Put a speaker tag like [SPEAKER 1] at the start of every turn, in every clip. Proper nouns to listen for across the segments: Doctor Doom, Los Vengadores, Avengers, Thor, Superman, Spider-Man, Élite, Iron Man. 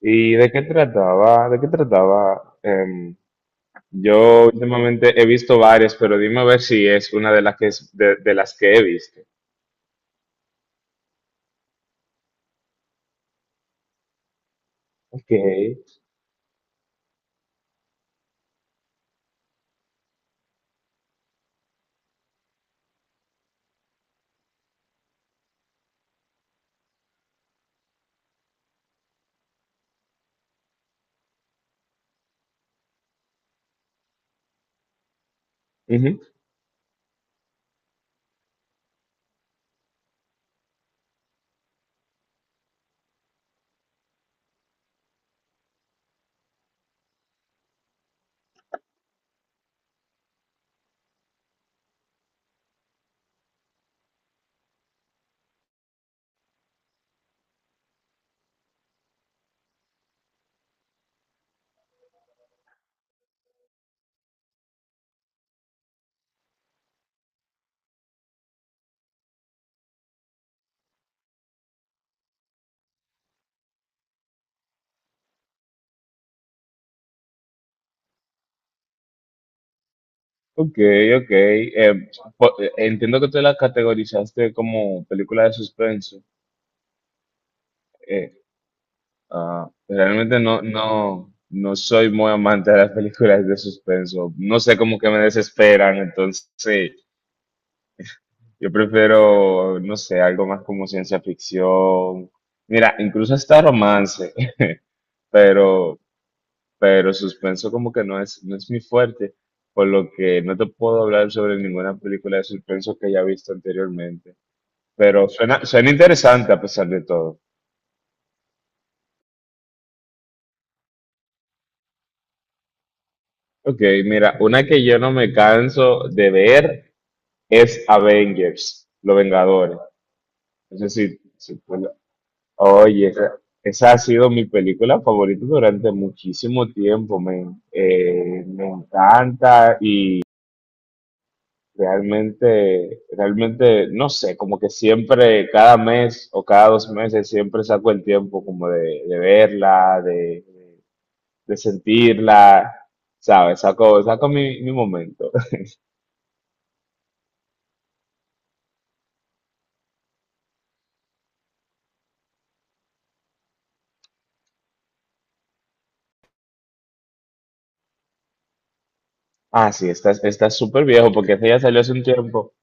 [SPEAKER 1] ¿Y de qué trataba? ¿De qué trataba? Yo últimamente he visto varias, pero dime a ver si es una de las que es de las que he visto. Ok. Ujú. Ok, ok. Entiendo que tú la categorizaste como película de suspenso. Eh, realmente no soy muy amante de las películas de suspenso. No sé, como que me desesperan, entonces yo prefiero, no sé, algo más como ciencia ficción. Mira, incluso hasta romance, pero, pero suspenso como que no es mi fuerte, por lo que no te puedo hablar sobre ninguna película de suspenso que haya visto anteriormente. Pero suena interesante a pesar de todo. Ok, mira, una que yo no me canso de ver es Avengers, Los Vengadores. No sé si tú… Oye, esa ha sido mi película favorita durante muchísimo tiempo, men. Me encanta y realmente, no sé, como que siempre, cada mes o cada dos meses, siempre saco el tiempo como de verla, de sentirla, ¿sabes? Saco mi momento. Ah, sí, esta es súper viejo porque esta ya salió hace un tiempo.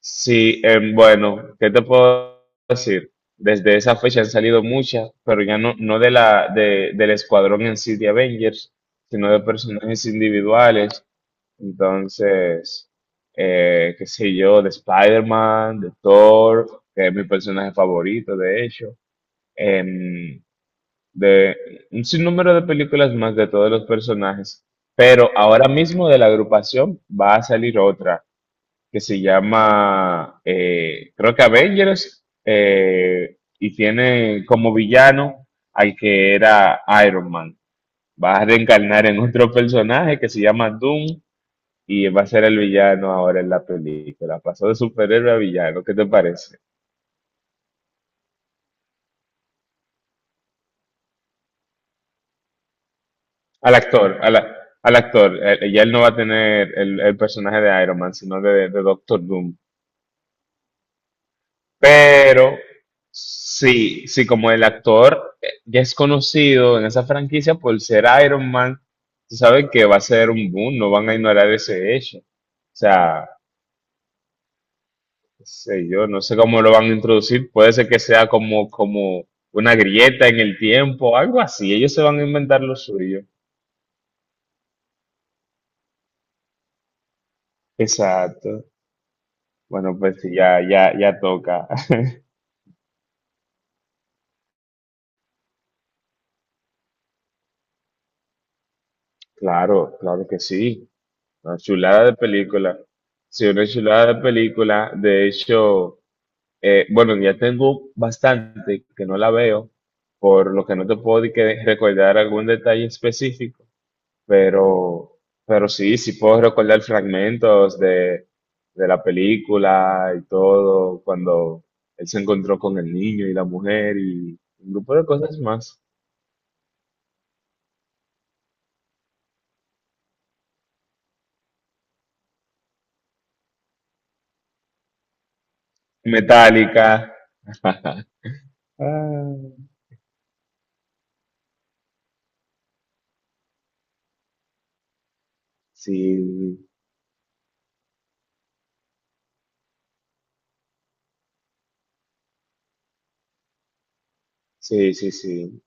[SPEAKER 1] Sí, bueno, ¿qué te puedo decir? Desde esa fecha han salido muchas, pero ya no de del escuadrón en sí de Avengers, sino de personajes individuales. Entonces, qué sé yo, de Spider-Man, de Thor, que es mi personaje favorito, de hecho. em, de un sinnúmero de películas más de todos los personajes. Pero ahora mismo de la agrupación va a salir otra que se llama, creo que Avengers, y tiene como villano al que era Iron Man. Va a reencarnar en otro personaje que se llama Doom y va a ser el villano ahora en la película. Pasó de superhéroe a villano, ¿qué te parece? Al actor, al actor. Ya él no va a tener el personaje de Iron Man, sino de Doctor Doom. Pero sí, sí, como el actor ya es conocido en esa franquicia por ser Iron Man, se sabe que va a ser un boom, no van a ignorar ese hecho. O sea, qué sé yo, no sé cómo lo van a introducir, puede ser que sea como una grieta en el tiempo, algo así, ellos se van a inventar lo suyo. Exacto. Bueno, pues sí, ya, ya, ya toca. Claro, claro que sí. Una chulada de película. Sí, una chulada de película. De hecho, bueno, ya tengo bastante que no la veo, por lo que no te puedo di que recordar algún detalle específico, pero, pero sí, sí puedo recordar fragmentos de la película y todo, cuando él se encontró con el niño y la mujer y un grupo de cosas más. Metálica. Ah, sí, sí, sí, sí.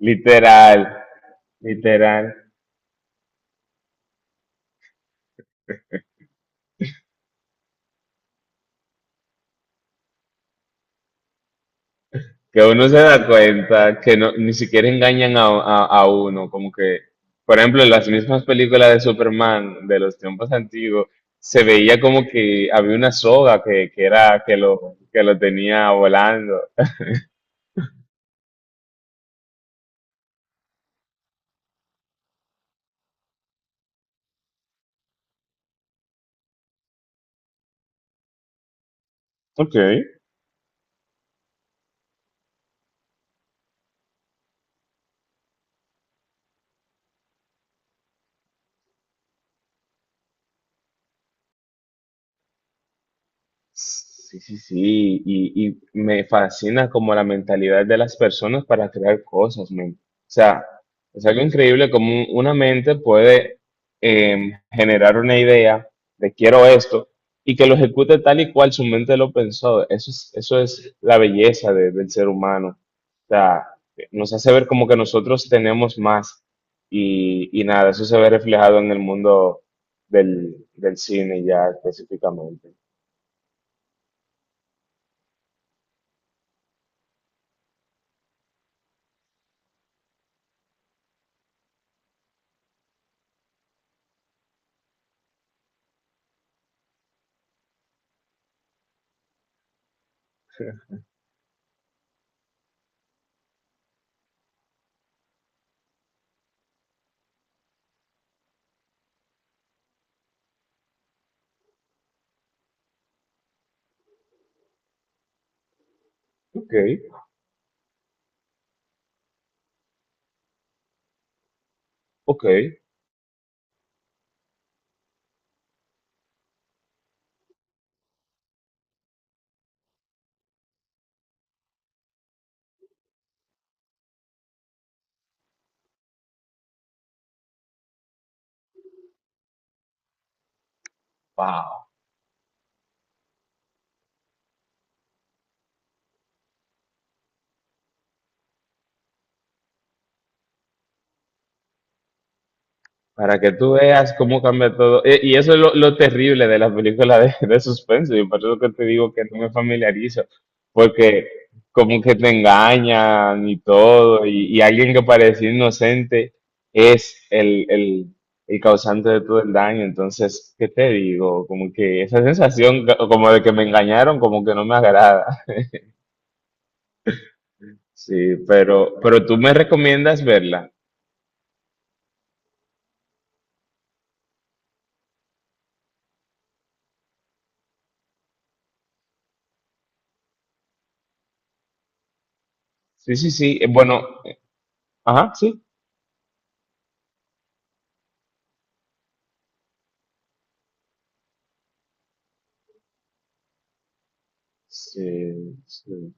[SPEAKER 1] Literal, literal. Que uno se da cuenta que no, ni siquiera engañan a uno, como que, por ejemplo, en las mismas películas de Superman de los tiempos antiguos, se veía como que había una soga que era, que lo tenía volando. Ok. Sí, sí, sí, y me fascina como la mentalidad de las personas para crear cosas, men. O sea, es algo increíble como una mente puede generar una idea de quiero esto y que lo ejecute tal y cual su mente lo pensó. Eso es la belleza del ser humano. O sea, nos hace ver como que nosotros tenemos más y nada, eso se ve reflejado en el mundo del cine ya específicamente. Ok. Ok, wow. Para que tú veas cómo cambia todo. Y eso es lo terrible de las películas de suspenso. Y por eso que te digo que no me familiarizo. Porque como que te engañan y todo. Y alguien que parecía inocente es el causante de todo el daño. Entonces, ¿qué te digo? Como que esa sensación como de que me engañaron, como que no me agrada. Sí, pero tú me recomiendas verla. Sí, sí, sí. Bueno, ajá, sí. Sí, sí,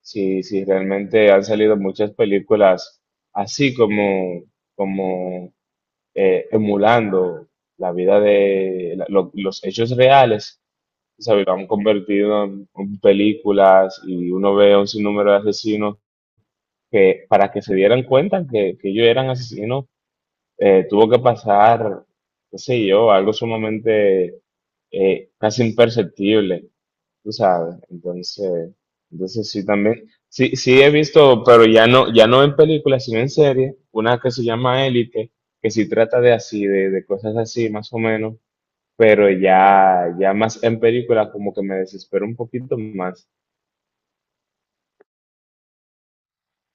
[SPEAKER 1] sí, sí, realmente han salido muchas películas así como emulando la vida de los hechos reales, ¿sabes? Lo han convertido en películas y uno ve un sinnúmero de asesinos que para que se dieran cuenta que ellos eran asesinos tuvo que pasar, qué sé yo, algo sumamente casi imperceptible, tú sabes. Entonces, entonces sí también, sí, sí he visto, pero ya no, ya no en películas, sino en series, una que se llama Élite, que sí trata de así, de cosas así, más o menos, pero ya, ya más en películas como que me desespero un poquito más.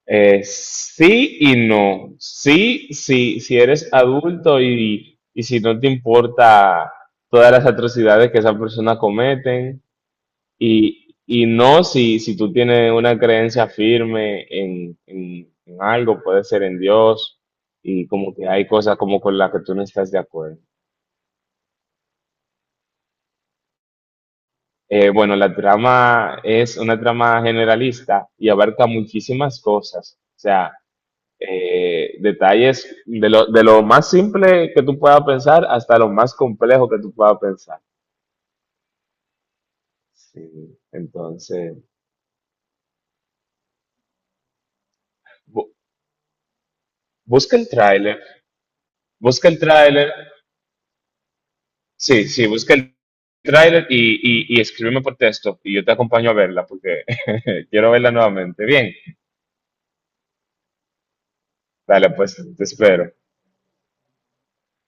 [SPEAKER 1] Sí y no. Sí, sí, si eres adulto y si no te importa todas las atrocidades que esas personas cometen. Y no si, si tú tienes una creencia firme en, en algo, puede ser en Dios, y como que hay cosas como con las que tú no estás de acuerdo. Bueno, la trama es una trama generalista y abarca muchísimas cosas. O sea, detalles de de lo más simple que tú puedas pensar hasta lo más complejo que tú puedas pensar. Sí, entonces, bu- busca el tráiler, busca el tráiler, sí, sí, busca el tráiler y escríbeme por texto y yo te acompaño a verla porque quiero verla nuevamente. Bien, dale, pues te espero.